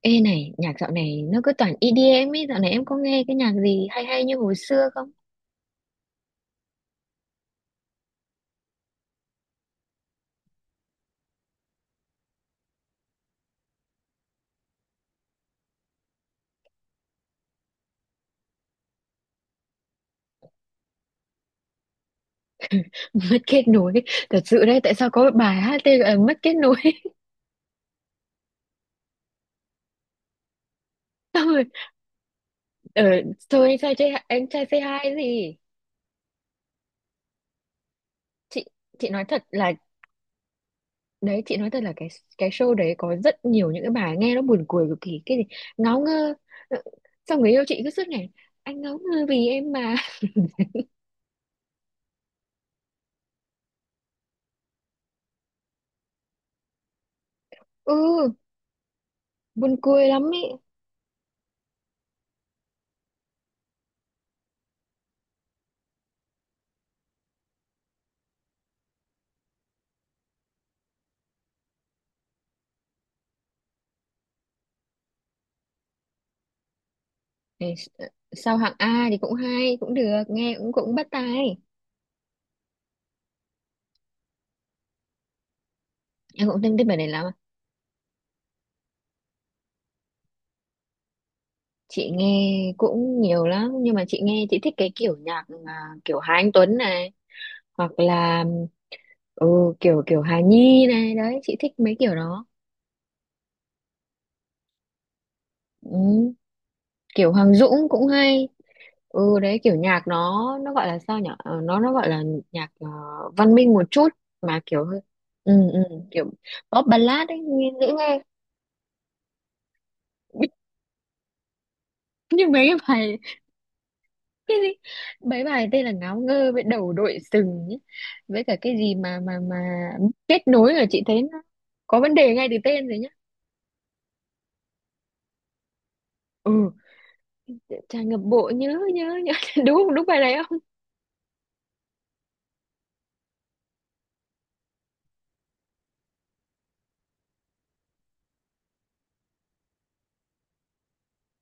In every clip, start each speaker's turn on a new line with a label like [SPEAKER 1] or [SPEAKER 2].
[SPEAKER 1] Ê này, nhạc dạo này nó cứ toàn EDM ấy, dạo này em có nghe cái nhạc gì hay hay như hồi xưa không? Mất kết nối, thật sự đấy, tại sao có bài hát tên là Mất kết nối? Xong rồi, ờ, thôi anh trai, anh trai say hi gì? Chị chị nói thật là, đấy, chị nói thật là cái show đấy có rất nhiều những cái bài nghe nó buồn cười cực kỳ, cái gì, ngáo ngơ. Ờ, Xong người yêu chị cứ suốt ngày, anh ngáo ngơ vì em mà. ừ, Buồn cười lắm ấy. Ê, sao hạng A thì cũng hay cũng được nghe cũng cũng bắt tai em cũng thích thích bài này lắm à. Chị nghe cũng nhiều lắm nhưng mà chị nghe chị thích cái kiểu nhạc mà kiểu Hà Anh Tuấn này hoặc là ừ, kiểu kiểu Hà Nhi này, đấy chị thích mấy kiểu đó. ừ, Kiểu Hoàng Dũng cũng hay. Ừ đấy, kiểu nhạc nó gọi là sao nhỉ Ờ, nó gọi là nhạc văn minh một chút mà kiểu hơi ừ, ừ, kiểu pop ballad ấy, nghe dễ nghe. Như mấy cái bài cái gì, mấy bài tên là ngáo ngơ với đầu đội sừng ấy. Với cả cái gì mà mà kết nối là chị thấy nó có vấn đề ngay từ tên rồi nhá. Ừ, tràn ngập bộ nhớ nhớ nhớ. Đúng không? Đúng bài này không?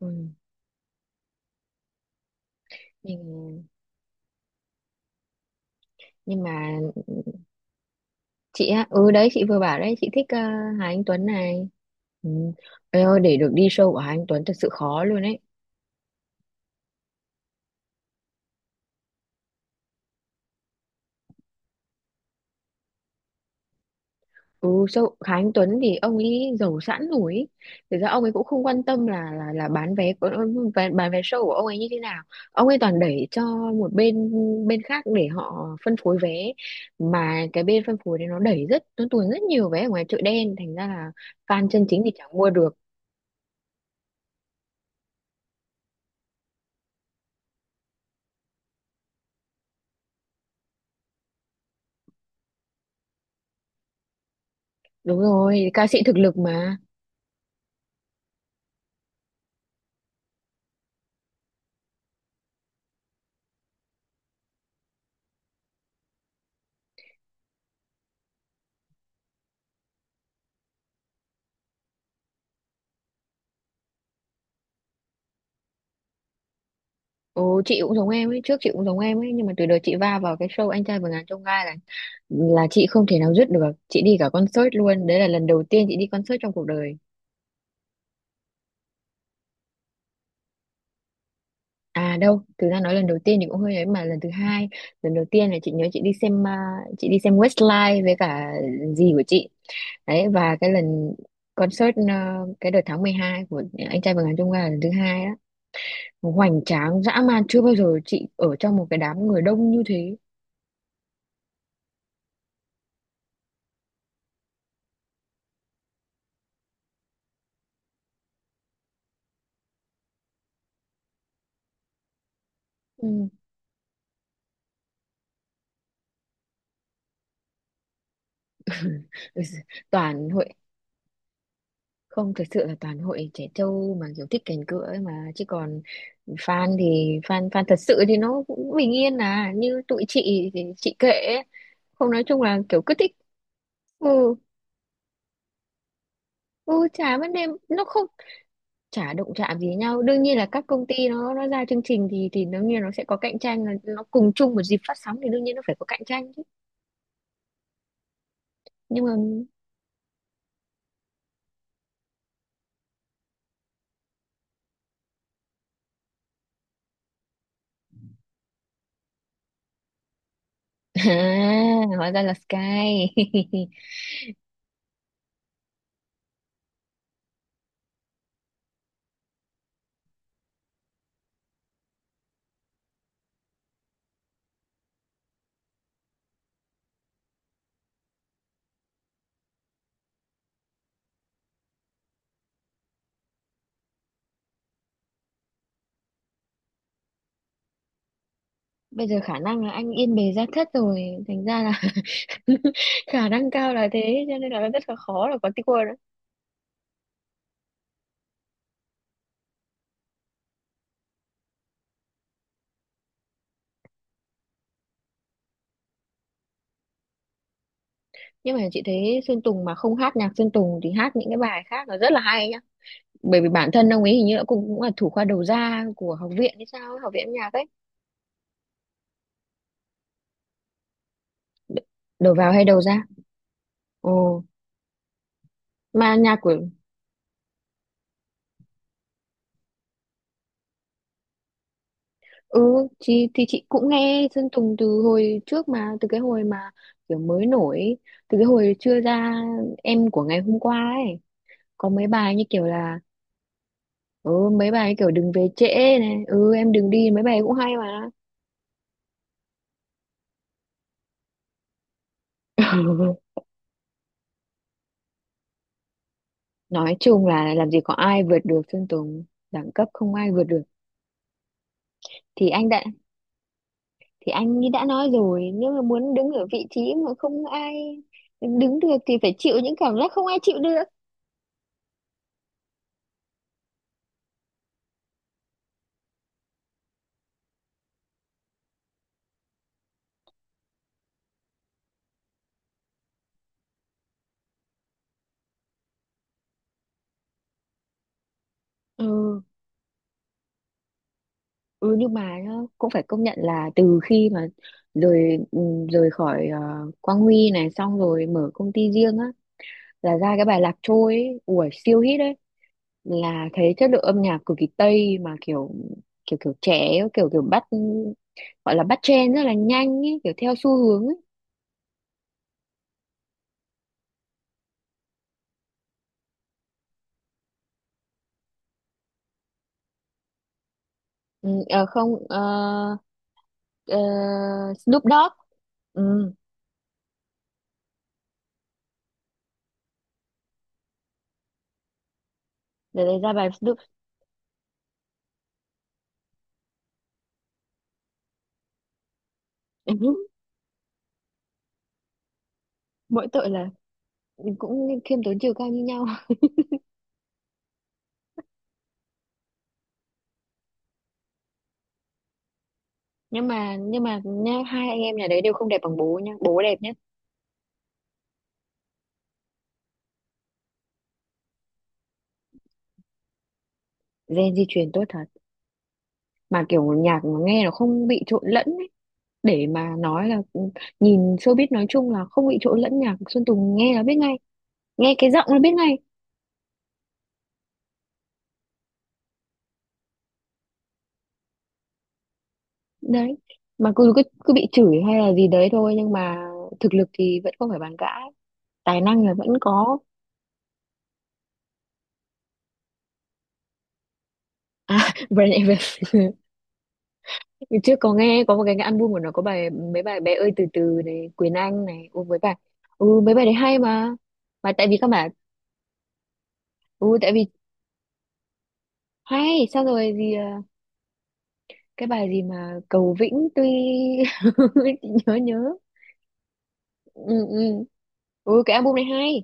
[SPEAKER 1] Ừ. nhưng nhưng mà chị á, ừ đấy, chị vừa bảo đấy chị thích Hà Anh Tuấn này. Ừ. Ôi ơi, để được đi show của Hà Anh Tuấn thật sự khó luôn đấy. Ừ, sao Khá Anh Tuấn thì ông ấy giàu sẵn rồi ý. Thực ra ông ấy cũng không quan tâm là là bán vé của bán vé show của ông ấy như thế nào. Ông ấy toàn đẩy cho một bên bên khác để họ phân phối vé, mà cái bên phân phối đấy nó đẩy rất nó tuồn rất nhiều vé ở ngoài chợ đen, thành ra là fan chân chính thì chẳng mua được. Đúng rồi, ca sĩ thực lực mà. Ồ, chị cũng giống em ấy, trước chị cũng giống em ấy, nhưng mà từ đợt chị va vào cái show Anh trai vượt ngàn chông gai là chị không thể nào dứt được. Chị đi cả concert luôn, đấy là lần đầu tiên chị đi concert trong cuộc đời. À đâu, thực ra nói lần đầu tiên thì cũng hơi ấy, mà lần thứ hai, lần đầu tiên là chị nhớ chị đi xem à, chị đi xem Westlife với cả dì của chị. Đấy, và cái lần concert à, cái đợt tháng 12 của anh trai vượt ngàn chông gai là lần thứ hai đó. Hoành tráng dã man, chưa bao giờ chị ở trong một cái đám người đông như thế. Ừ. Toàn hội không, thực sự là toàn hội trẻ trâu mà kiểu thích cành cựa ấy mà, chứ còn fan thì fan fan thật sự thì nó cũng bình yên à, như tụi chị thì chị kệ ấy. Không, nói chung là kiểu cứ thích. Ừ, ừ chả vấn đề, nó không, chả động chạm gì nhau. Đương nhiên là các công ty nó ra chương trình thì đương nhiên nó sẽ có cạnh tranh, là nó cùng chung một dịp phát sóng thì đương nhiên nó phải có cạnh tranh chứ. Nhưng mà à, hóa ra là Sky. Bây giờ khả năng là anh yên bề gia thất rồi, thành ra là khả năng cao là thế, cho nên là rất là khó là có keyword đó. Nhưng mà chị thấy Sơn Tùng mà không hát nhạc Sơn Tùng thì hát những cái bài khác là rất là hay nhá, bởi vì bản thân ông ấy hình như là cũng, cũng là thủ khoa đầu ra của học viện hay sao ấy, học viện âm nhạc ấy. Đ- Đầu vào hay đầu ra? Ồ, mà nhạc của ừ chị, thì chị cũng nghe Sơn Tùng từ hồi trước, mà từ cái hồi mà kiểu mới nổi, từ cái hồi chưa ra em của ngày hôm qua ấy, có mấy bài như kiểu là ừ mấy bài ấy kiểu đừng về trễ này ừ em đừng đi, mấy bài ấy cũng hay mà. Nói chung là làm gì có ai vượt được Sơn Tùng, đẳng cấp không ai vượt được. thì anh đã thì anh ấy đã nói rồi, nếu mà muốn đứng ở vị trí mà không ai đứng được thì phải chịu những cảm giác không ai chịu được. Ừ, ừ, nhưng mà nhá, cũng phải công nhận là từ khi mà rời rời khỏi Quang Huy này, xong rồi mở công ty riêng á, là ra cái bài Lạc Trôi ấy, ủa siêu hit đấy, là thấy chất lượng âm nhạc cực kỳ tây mà kiểu kiểu kiểu trẻ ấy, kiểu kiểu bắt gọi là bắt trend rất là nhanh ấy, kiểu theo xu hướng ấy. Ừ, ờ, không ờ, ờ, Snoop Dogg. Ừ, để đấy ra bài Snoop. Mỗi tội là cũng khiêm tốn chiều cao như nhau. Nhưng mà nha, hai anh em nhà đấy đều không đẹp bằng bố nha, bố đẹp nhất. Gen di truyền tốt thật, mà kiểu nhạc mà nghe nó không bị trộn lẫn ấy. Để mà nói là nhìn showbiz nói chung là không bị trộn lẫn, nhạc Sơn Tùng nghe là biết ngay, nghe cái giọng là biết ngay. Đấy, mà cứ cứ, cứ bị chửi hay là gì đấy thôi, nhưng mà thực lực thì vẫn không phải bàn cãi, tài năng là vẫn có. À, Brand Evans. Ngày trước có nghe có một cái album của nó có bài mấy bài bé ơi từ từ này, Quyền Anh này, ừ mấy bài đấy hay mà tại vì các bạn ừ tại vì hay sao rồi gì à, cái bài gì mà Cầu Vĩnh tuy. nhớ nhớ Ừ, ừ, ừ cái album này hay.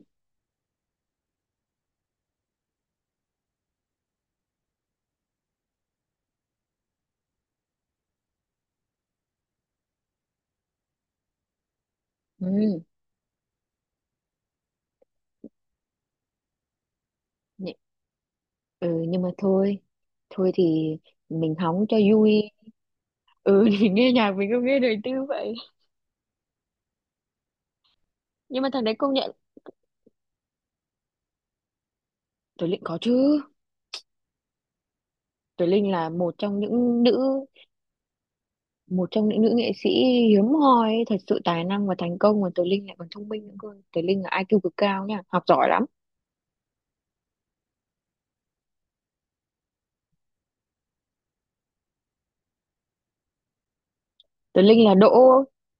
[SPEAKER 1] Ừ, nhẹ- ừ nhưng mà thôi, thôi thì mình hóng cho vui. Ừ. Thì nghe nhạc mình không nghe đời tư vậy, nhưng mà thằng đấy công nhận. Tuấn Linh có chứ. Tuấn Linh là một trong những nữ, một trong những nữ nghệ sĩ hiếm hoi ấy, thật sự tài năng và thành công, mà Tuấn Linh lại còn thông minh nữa cơ. Tuấn Linh là IQ cực cao nha, học giỏi lắm. Tuấn Linh là đỗ,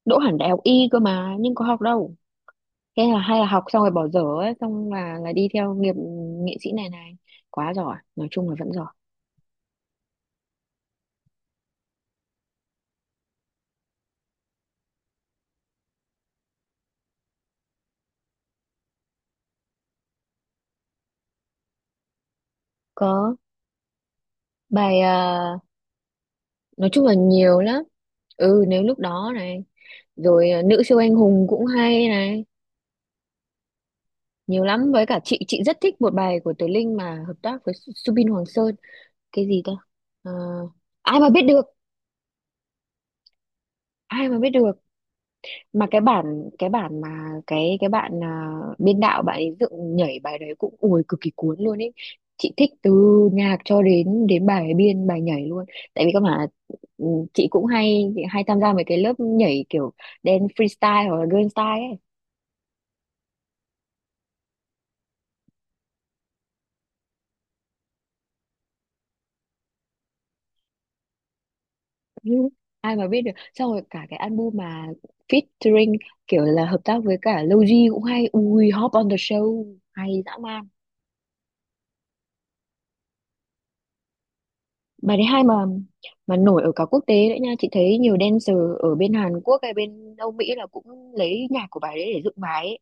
[SPEAKER 1] đỗ hẳn đại học y cơ mà nhưng có học đâu, thế là hay là học xong rồi bỏ dở ấy, xong là đi theo nghiệp nghệ sĩ này này, quá giỏi, nói chung là vẫn giỏi. Có bài à, nói chung là nhiều lắm, ừ nếu lúc đó này, rồi à, nữ siêu anh hùng cũng hay này, nhiều lắm. Với cả chị rất thích một bài của Tố Linh mà hợp tác với Subin Hoàng Sơn, cái gì ta. Ờ, ai mà biết được, ai mà biết được. Mà cái bản, cái bản mà cái bạn à, biên đạo bạn ấy dựng nhảy bài đấy cũng ui cực kỳ cuốn luôn ấy, chị thích từ nhạc cho đến đến bài biên bài nhảy luôn. Tại vì các bạn ừ, chị cũng hay hay tham gia mấy cái lớp nhảy kiểu dance freestyle hoặc là girl style ấy. Ừ, ai mà biết được, xong rồi cả cái album mà featuring kiểu là hợp tác với cả Logi cũng hay, ui hop on the show hay dã man. Bài thứ hai mà nổi ở cả quốc tế đấy nha, chị thấy nhiều dancer ở bên Hàn Quốc hay bên Âu Mỹ là cũng lấy nhạc của bài đấy để dựng bài ấy.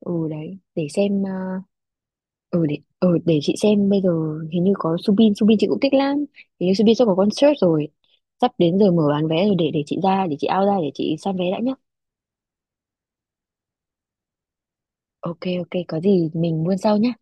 [SPEAKER 1] Ừ đấy, để xem ừ để để chị xem bây giờ hình như có Subin, Subin chị cũng thích lắm. Hình như Subin sắp có concert rồi. Sắp đến giờ mở bán vé rồi, để chị ra, để chị out ra để chị săn vé đã nhá. Ok ok, có gì mình buôn sau nhá.